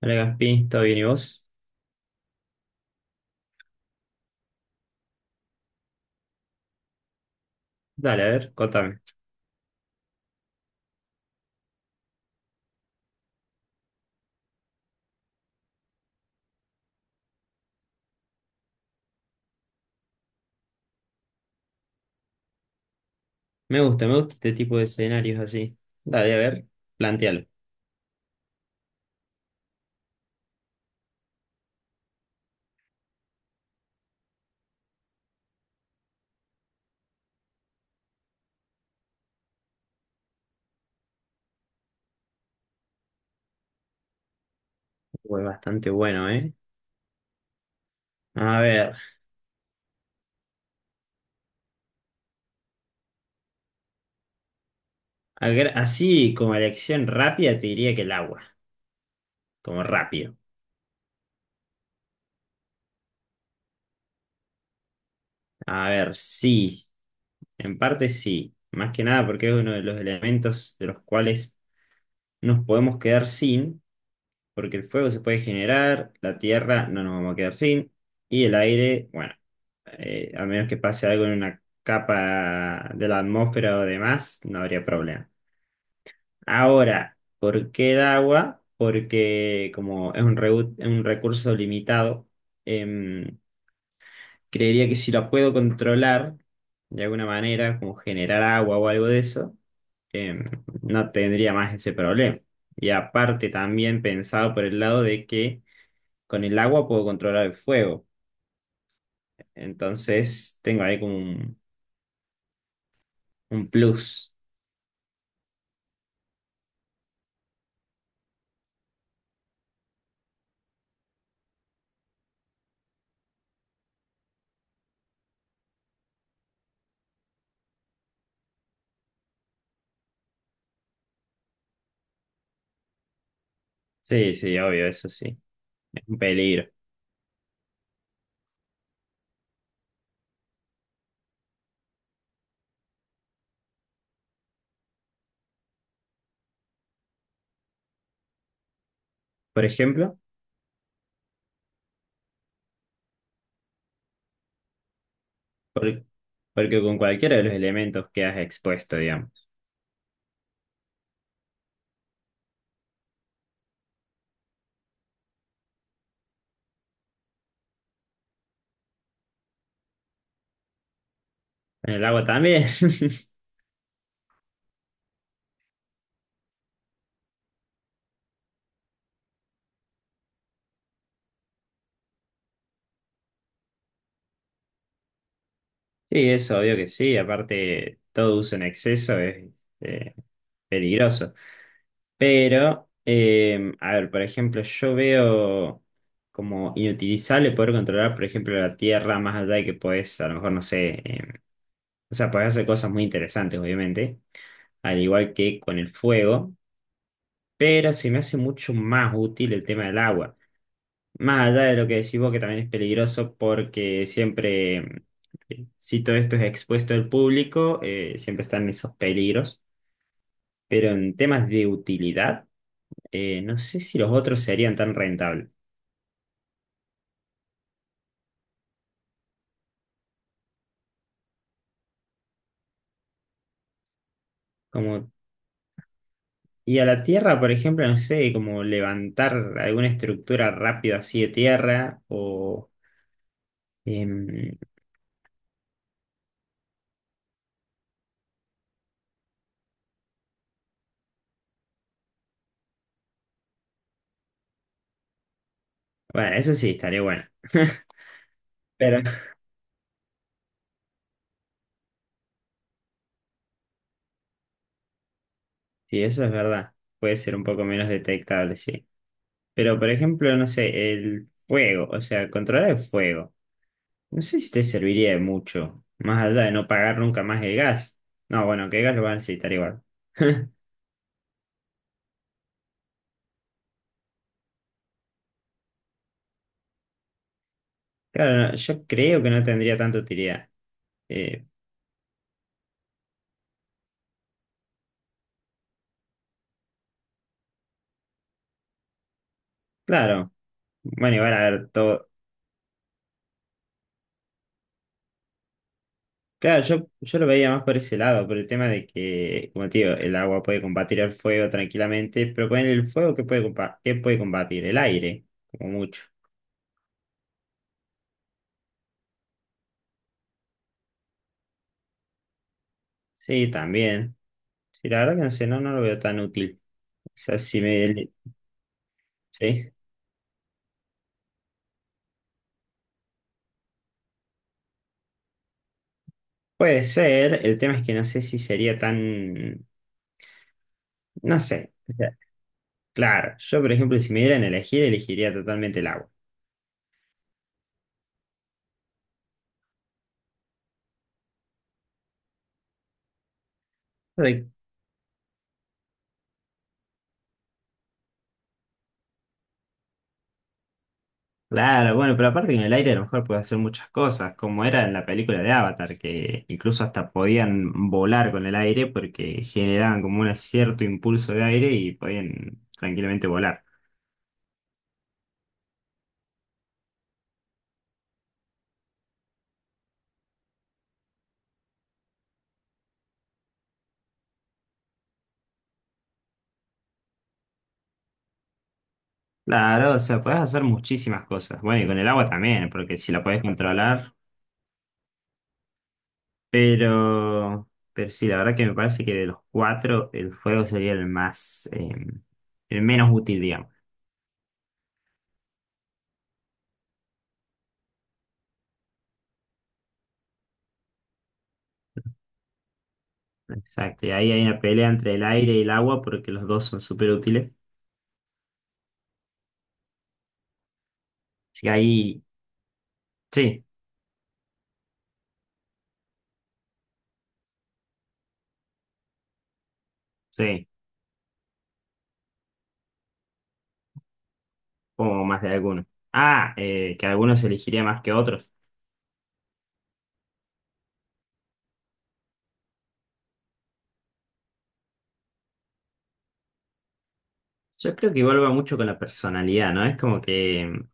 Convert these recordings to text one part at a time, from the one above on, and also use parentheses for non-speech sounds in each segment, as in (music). Hola Gaspi, ¿todo bien y vos? Dale, a ver, contame. Me gusta este tipo de escenarios así. Dale, a ver, plantealo. Fue bastante bueno, ¿eh? A ver, así como elección rápida te diría que el agua, como rápido. A ver, sí, en parte sí. Más que nada porque es uno de los elementos de los cuales nos podemos quedar sin. Porque el fuego se puede generar, la tierra no nos vamos a quedar sin, y el aire, bueno, a menos que pase algo en una capa de la atmósfera o demás, no habría problema. Ahora, ¿por qué el agua? Porque como es un recurso limitado, em, creería que si la puedo controlar de alguna manera, como generar agua o algo de eso, em, no tendría más ese problema. Y aparte también pensado por el lado de que con el agua puedo controlar el fuego. Entonces tengo ahí un plus. Sí, sí, obvio, eso sí. Es un peligro. Por ejemplo, por- porque con cualquiera de los elementos quedas expuesto, digamos. En el agua también. (laughs) Sí, es obvio que sí. Aparte, todo uso en exceso es eh, peligroso. Pero, a ver, por ejemplo, yo veo como inutilizable poder controlar, por ejemplo, la tierra más allá de que puedes, a lo mejor, no sé. O sea, podés hacer cosas muy interesantes, obviamente, al igual que con el fuego, pero se me hace mucho más útil el tema del agua. Más allá de lo que decís vos, que también es peligroso porque siempre, si todo esto es expuesto al público, siempre están esos peligros. Pero en temas de utilidad, no sé si los otros serían tan rentables. Como, y a la tierra, por ejemplo, no sé, como levantar alguna estructura rápido así de tierra o... em, Bueno, eso sí, estaría bueno. (laughs) Pero sí, eso es verdad. Puede ser un poco menos detectable, sí. Pero, por ejemplo, no sé, el fuego, o sea, controlar el fuego. No sé si te serviría de mucho, más allá de no pagar nunca más el gas. No, bueno, que el gas lo van a necesitar igual. (laughs) Claro, no, yo creo que no tendría tanta utilidad. Eh, claro. Bueno, igual a ver, todo, claro, yo lo veía más por ese lado, por el tema de que, como te digo, el agua puede combatir el fuego tranquilamente, pero con el fuego, ¿qué puede combatir? El aire, como mucho. Sí, también. Sí, la verdad que no sé, no, no lo veo tan útil. O sea, si me... Sí. Puede ser, el tema es que no sé si sería tan... No sé. O sea, claro, yo por ejemplo, si me dieran a elegir, elegiría totalmente el agua. Claro, bueno, pero aparte que en el aire a lo mejor puede hacer muchas cosas, como era en la película de Avatar, que incluso hasta podían volar con el aire porque generaban como un cierto impulso de aire y podían tranquilamente volar. Claro, o sea, podés hacer muchísimas cosas. Bueno, y con el agua también, porque si la podés controlar, pero sí, la verdad que me parece que de los cuatro, el fuego sería el más, el menos útil, digamos. Exacto, y ahí hay una pelea entre el aire y el agua porque los dos son súper útiles. Así que ahí sí, sí, como más de algunos. Ah, que algunos elegiría más que otros. Yo creo que igual va mucho con la personalidad, ¿no? Es como que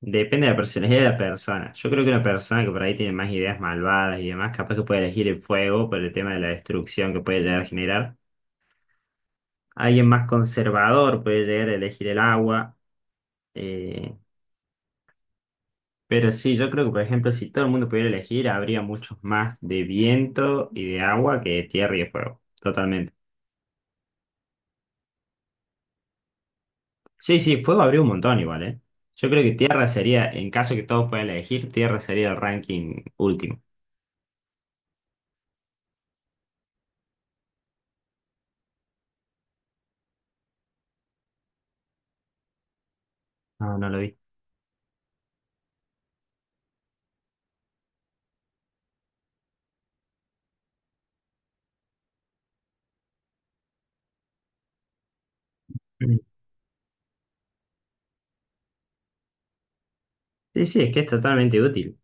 depende de la personalidad de la persona. Yo creo que una persona que por ahí tiene más ideas malvadas y demás, capaz que puede elegir el fuego por el tema de la destrucción que puede llegar a generar. Alguien más conservador puede llegar a elegir el agua. eh, pero sí, yo creo que, por ejemplo, si todo el mundo pudiera elegir, habría muchos más de viento y de agua que de tierra y de fuego. Sí, sí, fuego abrió un montón igual, ¿eh? Yo creo que Tierra sería, en caso que todos puedan elegir, Tierra sería el ranking último. No, no lo vi. Sí, sí, es que es totalmente útil.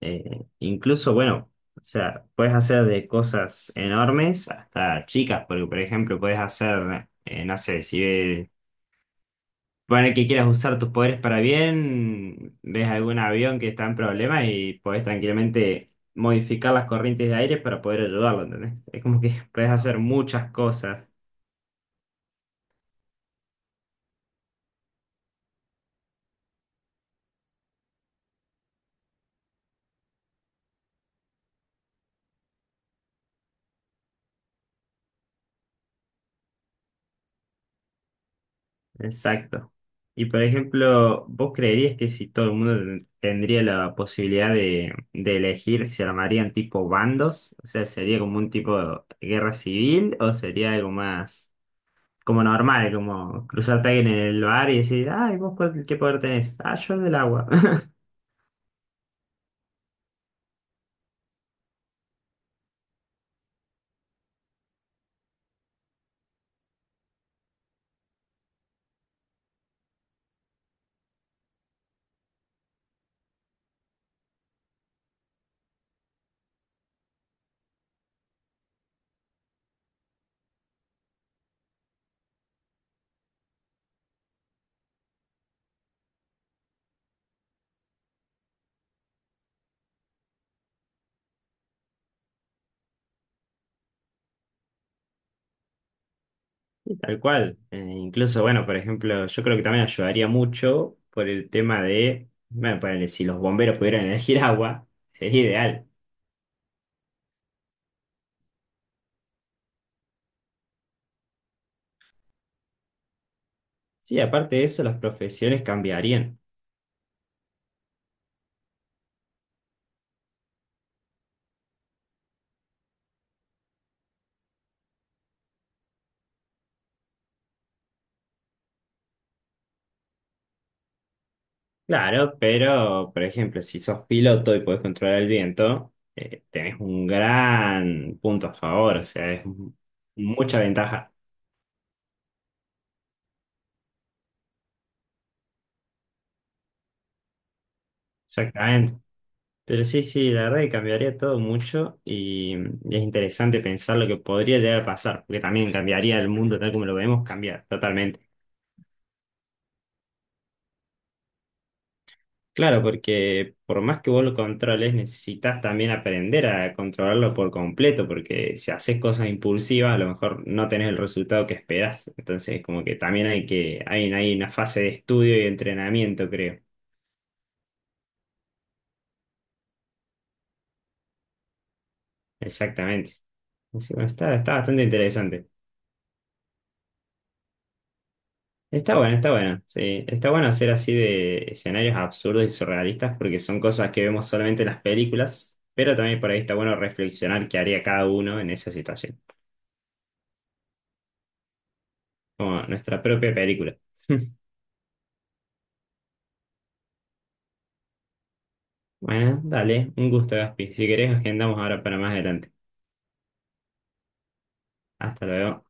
Incluso, bueno, o sea, puedes hacer de cosas enormes hasta chicas, porque por ejemplo, puedes hacer, no sé, si ves, pone que quieras usar tus poderes para bien, ves algún avión que está en problemas y podés tranquilamente modificar las corrientes de aire para poder ayudarlo, ¿entendés? Es como que (laughs) puedes hacer muchas cosas. Exacto. Y por ejemplo, ¿vos creerías que si todo el mundo tendría la posibilidad de elegir, se armarían tipo bandos? O sea, ¿sería como un tipo de guerra civil o sería algo más como normal, como cruzarte a alguien en el bar y decir, ay, qué poder tenés? Ah, yo el del agua. (laughs) Tal cual. Incluso, bueno, por ejemplo, yo creo que también ayudaría mucho por el tema de, bueno, ponele, si los bomberos pudieran (laughs) elegir agua, sería ideal. Sí, aparte de eso, las profesiones cambiarían. Claro, pero por ejemplo, si sos piloto y podés controlar el viento, tenés un gran punto a favor, o sea, mucha ventaja. Exactamente. Pero sí, sí, la verdad que cambiaría todo mucho y es interesante pensar lo que podría llegar a pasar, porque también cambiaría el mundo tal como lo vemos, cambia totalmente. Claro, porque por más que vos lo controles, necesitas también aprender a controlarlo por completo, porque si haces cosas impulsivas, a lo mejor no tenés el resultado que esperás. Entonces, como que también hay que, hay una fase de estudio y entrenamiento, creo. Exactamente. Así, bueno, está bastante interesante. Está bueno, está bueno. Sí, está bueno hacer así de escenarios absurdos y surrealistas, porque son cosas que vemos solamente en las películas, pero también por ahí está bueno reflexionar qué haría cada uno en esa situación, como nuestra propia película. (laughs) Bueno, dale, un gusto, Gaspi. Si querés, agendamos ahora para más adelante. Hasta luego.